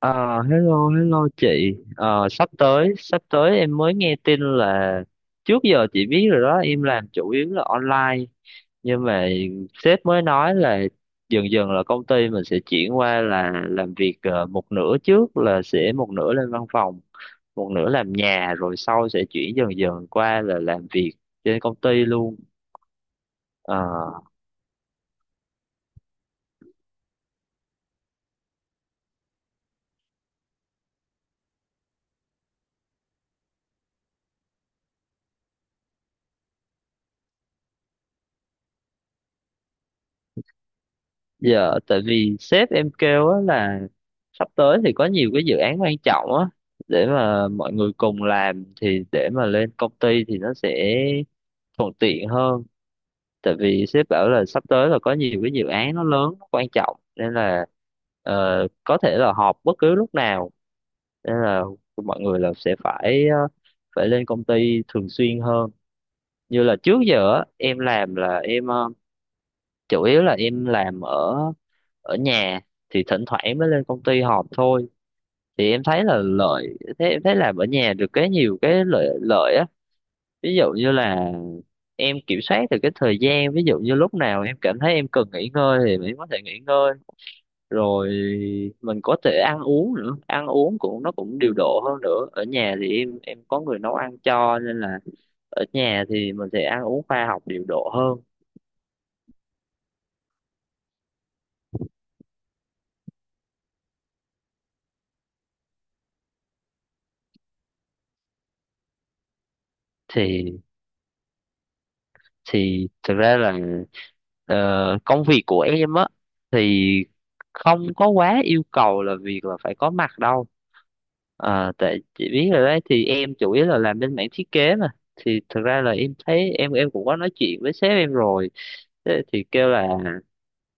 Ờ, hello, hello chị. Sắp tới em mới nghe tin là trước giờ chị biết rồi đó, em làm chủ yếu là online. Nhưng mà sếp mới nói là dần dần là công ty mình sẽ chuyển qua là làm việc một nửa trước là sẽ một nửa lên văn phòng, một nửa làm nhà rồi sau sẽ chuyển dần dần qua là làm việc trên công ty luôn. Ờ, Dạ, tại vì sếp em kêu á là sắp tới thì có nhiều cái dự án quan trọng á để mà mọi người cùng làm thì để mà lên công ty thì nó sẽ thuận tiện hơn. Tại vì sếp bảo là sắp tới là có nhiều cái dự án nó lớn, nó quan trọng nên là ờ, có thể là họp bất cứ lúc nào nên là mọi người là sẽ phải phải lên công ty thường xuyên hơn. Như là trước giờ á, em làm là em chủ yếu là em làm ở ở nhà thì thỉnh thoảng em mới lên công ty họp thôi thì em thấy là lợi thế em thấy làm ở nhà được cái nhiều cái lợi lợi á, ví dụ như là em kiểm soát được cái thời gian, ví dụ như lúc nào em cảm thấy em cần nghỉ ngơi thì mình có thể nghỉ ngơi, rồi mình có thể ăn uống nữa, ăn uống cũng nó cũng điều độ hơn, nữa ở nhà thì em có người nấu ăn cho nên là ở nhà thì mình sẽ ăn uống khoa học điều độ hơn. Thì thì thực ra là công việc của em á thì không có quá yêu cầu là việc là phải có mặt đâu. Ờ, tại chị biết rồi đấy thì em chủ yếu là làm bên mảng thiết kế mà thì thực ra là em thấy em cũng có nói chuyện với sếp em rồi. Thế thì kêu là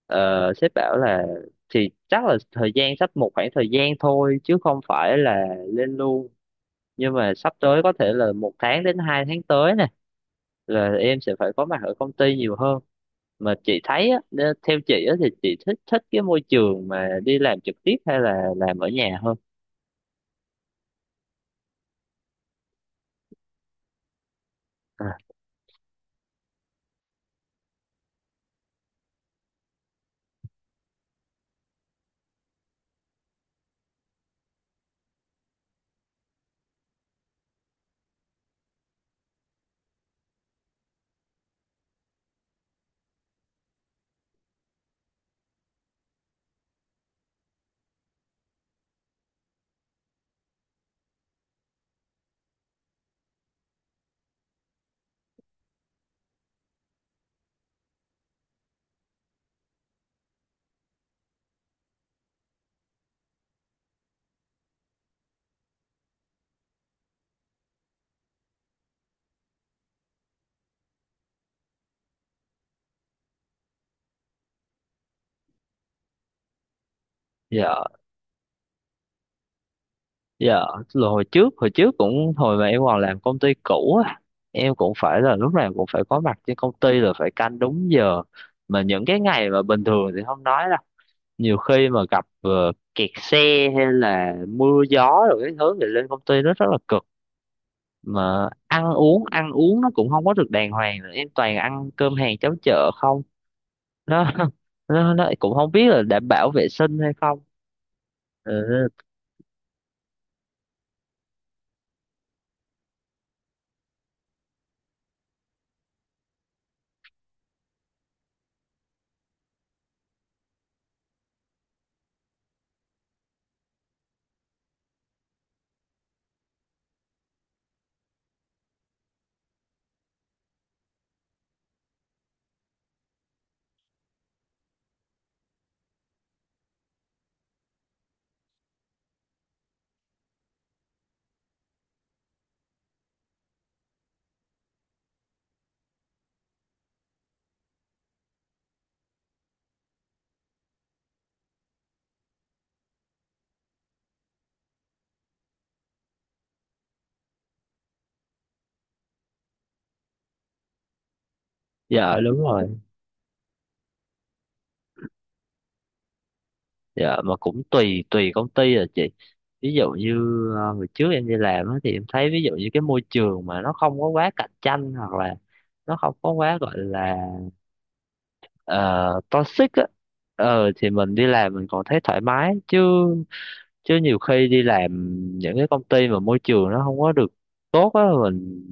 sếp bảo là thì chắc là thời gian sắp một khoảng thời gian thôi chứ không phải là lên luôn, nhưng mà sắp tới có thể là một tháng đến hai tháng tới nè là em sẽ phải có mặt ở công ty nhiều hơn. Mà chị thấy á, theo chị á, thì chị thích thích cái môi trường mà đi làm trực tiếp hay là làm ở nhà hơn? À, dạ dạ, là hồi trước cũng hồi mà em còn làm công ty cũ á, em cũng phải là lúc nào cũng phải có mặt trên công ty là phải canh đúng giờ, mà những cái ngày mà bình thường thì không nói đâu, nhiều khi mà gặp kẹt xe hay là mưa gió rồi cái thứ thì lên công ty nó rất là cực, mà ăn uống nó cũng không có được đàng hoàng nữa, em toàn ăn cơm hàng cháo chợ không, nó nó cũng không biết là đảm bảo vệ sinh hay không. Ừ, dạ đúng rồi. Dạ mà cũng tùy tùy công ty rồi chị, ví dụ như hồi trước em đi làm á, thì em thấy ví dụ như cái môi trường mà nó không có quá cạnh tranh hoặc là nó không có quá gọi là ờ, toxic á, ờ thì mình đi làm mình còn thấy thoải mái chứ, chứ nhiều khi đi làm những cái công ty mà môi trường nó không có được tốt á, mình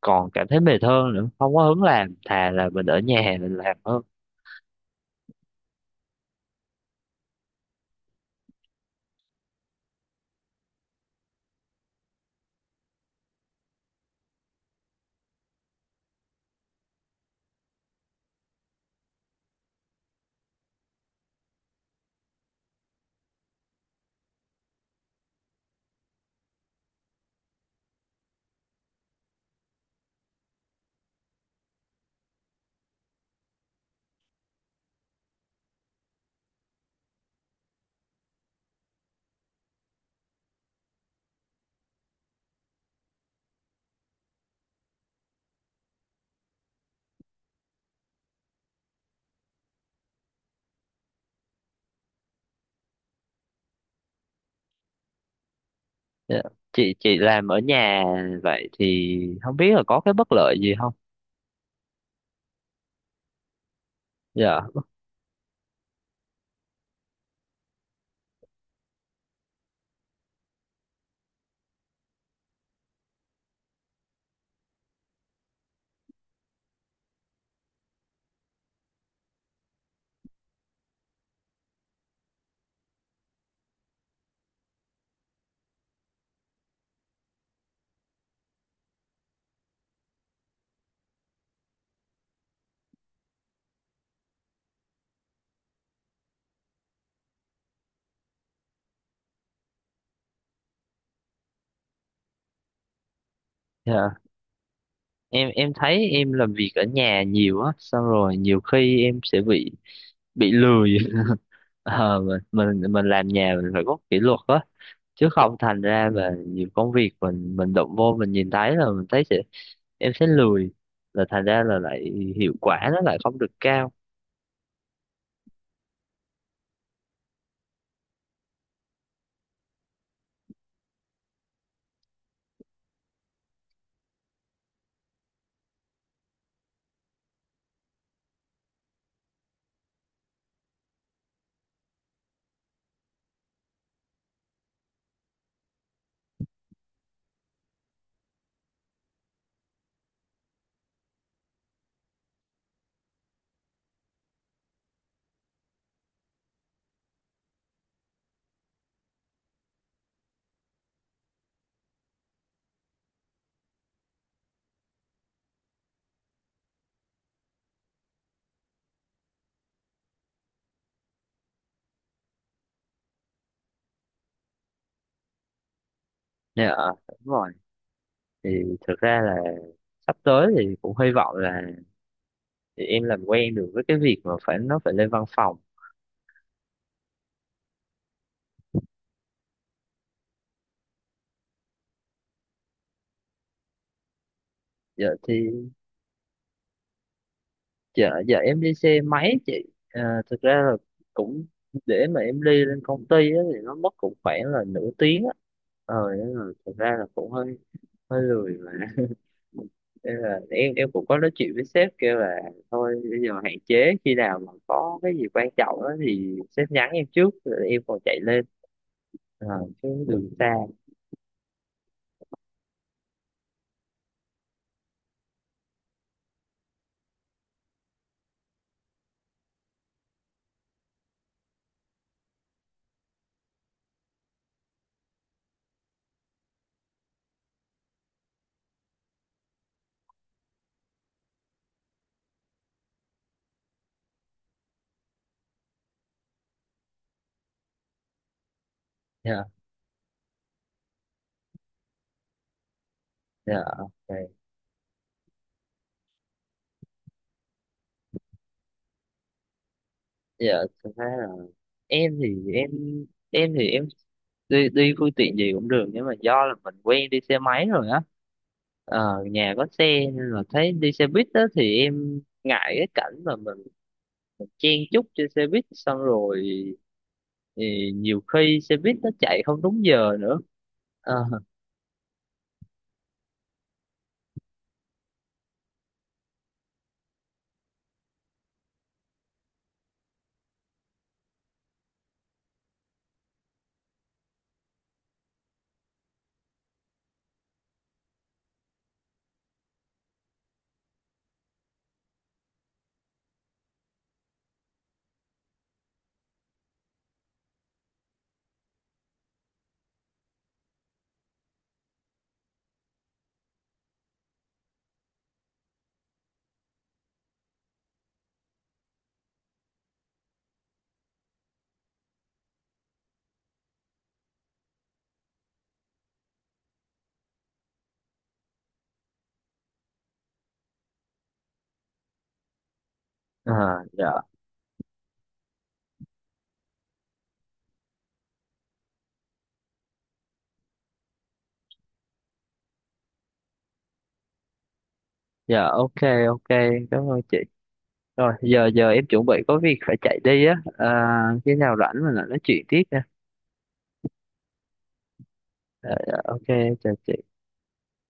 còn cảm thấy mệt hơn nữa, không có hứng làm, thà là mình ở nhà mình làm hơn. Dạ. Chị làm ở nhà vậy thì không biết là có cái bất lợi gì không? Dạ dạ, em thấy em làm việc ở nhà nhiều á xong rồi nhiều khi em sẽ bị lười Ờ, mình làm nhà mình phải có kỷ luật á, chứ không thành ra là nhiều công việc mình động vô mình nhìn thấy là mình thấy sẽ em sẽ lười, là thành ra là lại hiệu quả nó lại không được cao. Dạ đúng rồi. Thì thực ra là sắp tới thì cũng hy vọng là thì em làm quen được với cái việc mà phải nó phải lên văn phòng. Giờ thì giờ giờ em đi xe máy chị. À, thực ra là cũng để mà em đi lên công ty á, thì nó mất cũng khoảng là nửa tiếng á, ờ nên là thực ra là cũng hơi hơi lười mà Thế là em cũng có nói chuyện với sếp kêu là thôi bây giờ hạn chế khi nào mà có cái gì quan trọng đó thì sếp nhắn em trước rồi em còn chạy lên, à, chứ đừng xa. Dạ dạ ok. Dạ thực ra là em thì em em thì em đi đi phương tiện gì cũng được, nhưng mà do là mình quen đi xe máy rồi á, ờ, nhà có xe nên là thấy đi xe buýt đó thì em ngại cái cảnh mà mình chen chúc trên xe buýt, xong rồi thì nhiều khi xe buýt nó chạy không đúng giờ nữa. À, à, dạ dạ ok ok, cảm ơn chị. Rồi giờ giờ em chuẩn bị có việc phải chạy đi á, à, khi nào rảnh mình lại nói chuyện tiếp nha. Dạ, dạ, ok, chào chị.